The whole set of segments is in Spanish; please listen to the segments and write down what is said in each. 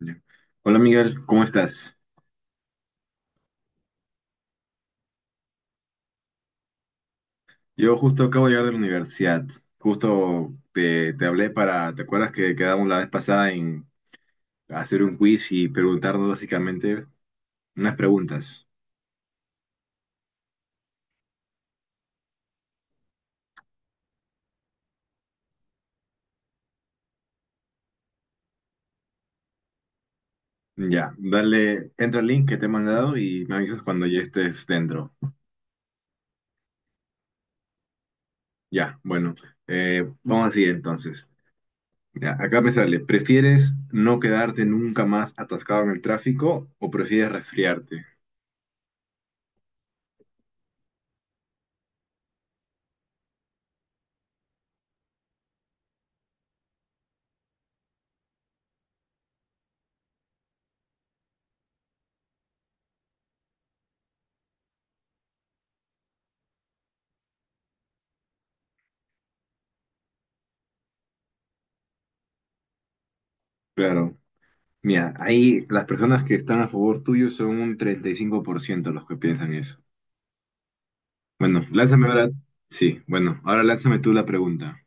Ya. Hola Miguel, ¿cómo estás? Yo justo acabo de llegar de la universidad. Justo te hablé para, ¿te acuerdas que quedamos la vez pasada en hacer un quiz y preguntarnos básicamente unas preguntas? Ya, dale, entra al link que te he mandado y me avisas cuando ya estés dentro. Ya, bueno, vamos a seguir entonces. Mira, acá me sale, ¿prefieres no quedarte nunca más atascado en el tráfico o prefieres resfriarte? Claro. Mira, ahí las personas que están a favor tuyo son un 35% los que piensan eso. Bueno, lánzame ahora. Sí, bueno, ahora lánzame tú la pregunta.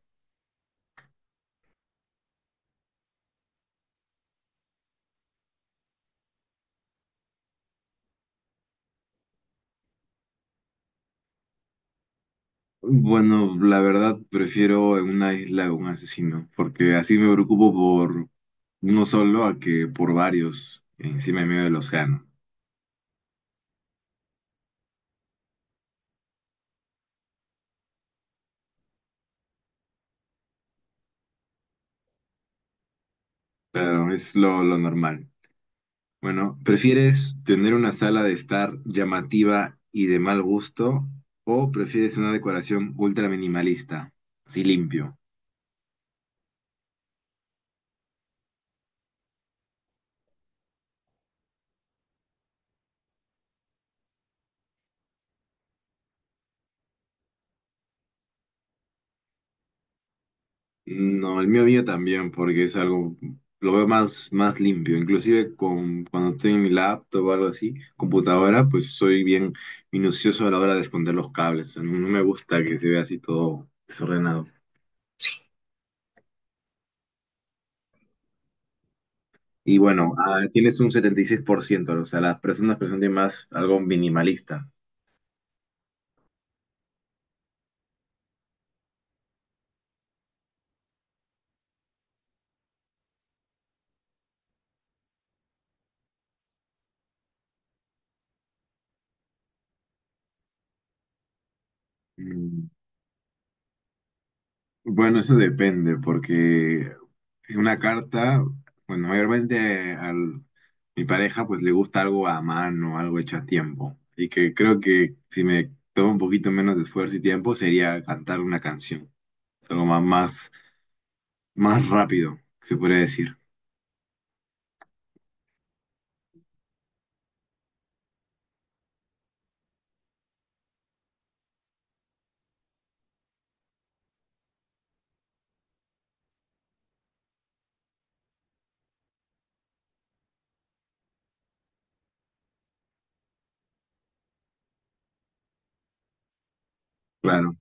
Bueno, la verdad prefiero en una isla un asesino, porque así me preocupo por uno solo a que por varios encima en medio del océano. Claro, es lo normal. Bueno, ¿prefieres tener una sala de estar llamativa y de mal gusto o prefieres una decoración ultra minimalista, así limpio? No, el mío mío también, porque es algo, lo veo más, más limpio. Inclusive con, cuando estoy en mi laptop o algo así, computadora, pues soy bien minucioso a la hora de esconder los cables. O sea, no me gusta que se vea así todo desordenado. Y bueno, ah, tienes un 76%, o sea, las personas presentan más algo minimalista. Mm, bueno, eso depende, porque en una carta, bueno, mayormente a mi pareja pues le gusta algo a mano, algo hecho a tiempo. Y que creo que si me toma un poquito menos de esfuerzo y tiempo sería cantar una canción. Es algo más, más, más rápido, se podría decir. Claro,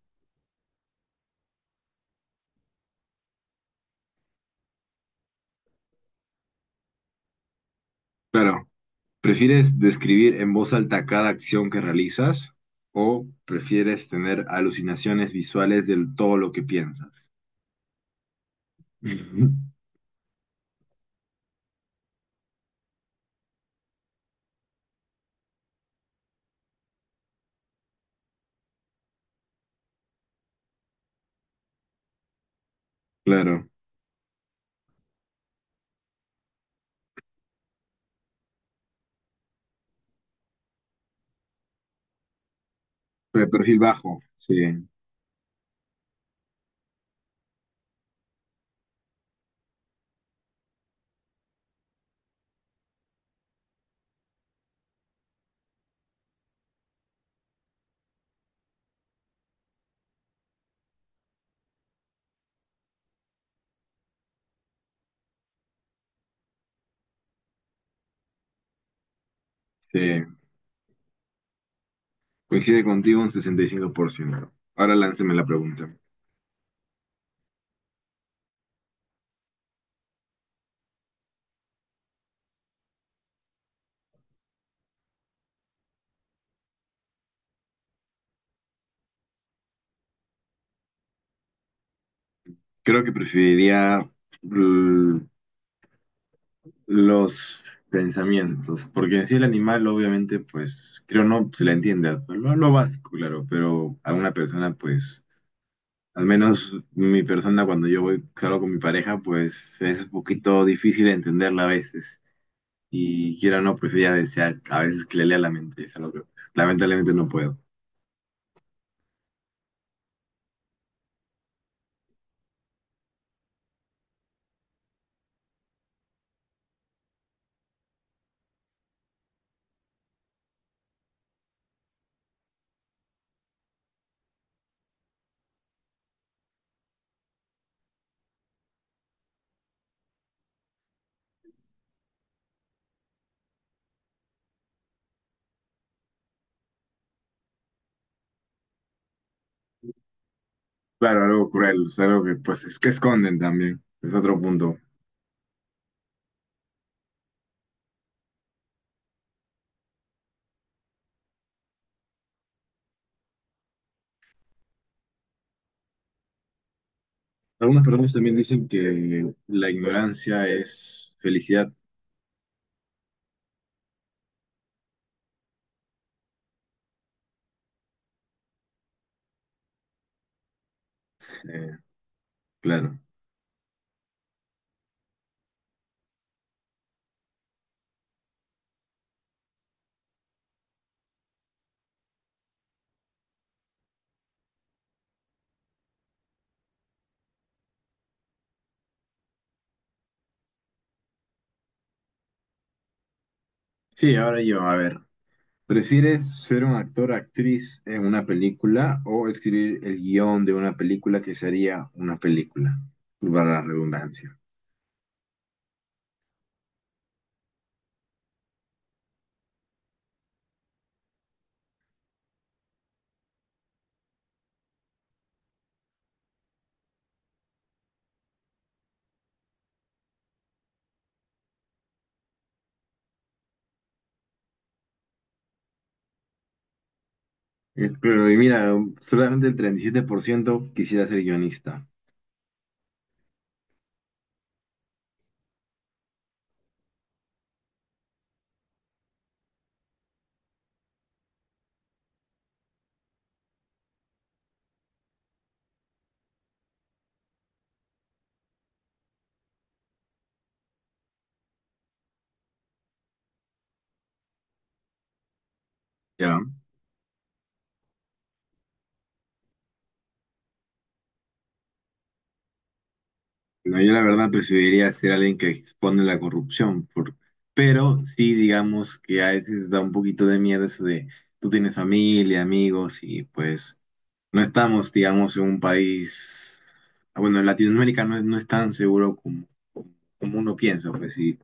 claro. ¿Prefieres describir en voz alta cada acción que realizas o prefieres tener alucinaciones visuales de todo lo que piensas? Claro, de perfil bajo, sí, sí. Coincide contigo un 65%. Ahora lánceme la pregunta. Creo que preferiría l- los pensamientos, porque en sí el animal obviamente, pues, creo no se le entiende, lo básico, claro, pero a una persona, pues, al menos mi persona cuando yo voy, salgo con mi pareja, pues es un poquito difícil de entenderla a veces. Y quiera o no, pues ella desea a veces que le lea la mente, es algo que pues, lamentablemente no puedo. Claro, algo cruel, es algo que pues es que esconden también, es otro punto. Algunas personas también dicen que la ignorancia es felicidad. Eh, claro. Sí, ahora yo, a ver. ¿Prefieres ser un actor, actriz en una película o escribir el guión de una película que sería una película? Para la redundancia. Es- Pero y mira, solamente el 37% quisiera ser guionista. ¿Ya? No, yo la verdad preferiría ser alguien que expone la corrupción, por- pero sí digamos que a veces da un poquito de miedo eso de tú tienes familia, amigos y pues no estamos, digamos, en un país, ah, bueno, en Latinoamérica no, es- no es tan seguro como, como uno piensa, pues sí,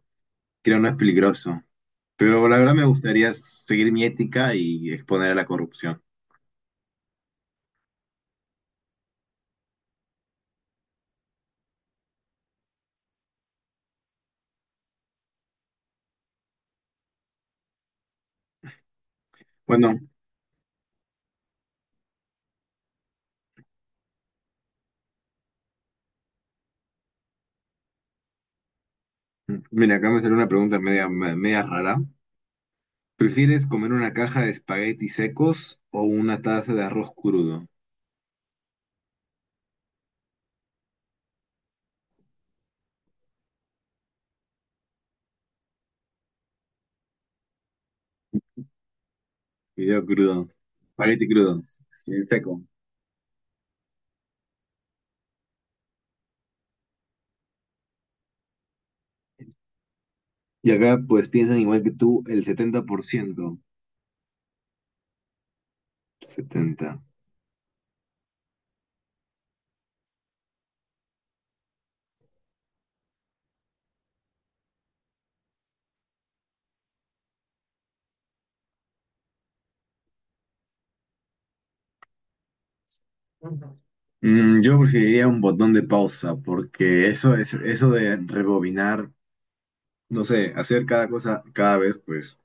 creo no es peligroso, pero la verdad me gustaría seguir mi ética y exponer a la corrupción. Bueno, mira, acá me salió una pregunta media, media rara. ¿Prefieres comer una caja de espaguetis secos o una taza de arroz crudo? Video crudo. Espagueti crudo. Bien seco. Y acá pues piensan igual que tú, el 70%. 70. Mm, yo preferiría un botón de pausa porque eso es eso de rebobinar, no sé, hacer cada cosa cada vez pues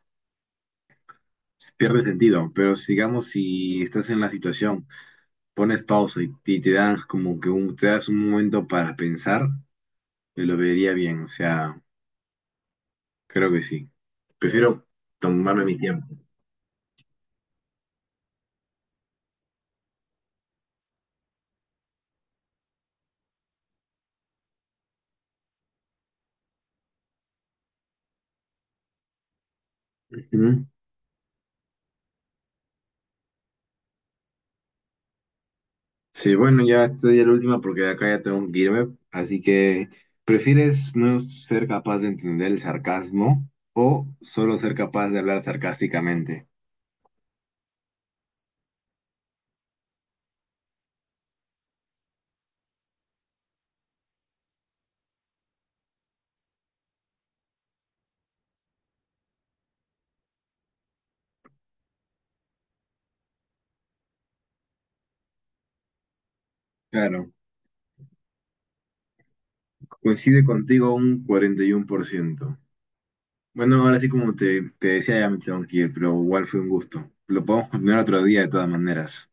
pierde sentido, pero sigamos si estás en la situación, pones pausa y te das como que un, te das un momento para pensar, te lo vería bien, o sea, creo que sí. Prefiero tomarme mi tiempo. Ujú. Sí, bueno, ya esta ya es la última porque de acá ya tengo que irme. Así que, ¿prefieres no ser capaz de entender el sarcasmo o solo ser capaz de hablar sarcásticamente? Claro, coincide contigo un 41%. Bueno, ahora sí, como te decía, ya me tengo que ir, pero igual fue un gusto. Lo podemos continuar otro día de todas maneras.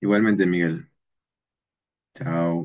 Igualmente, Miguel. Chao.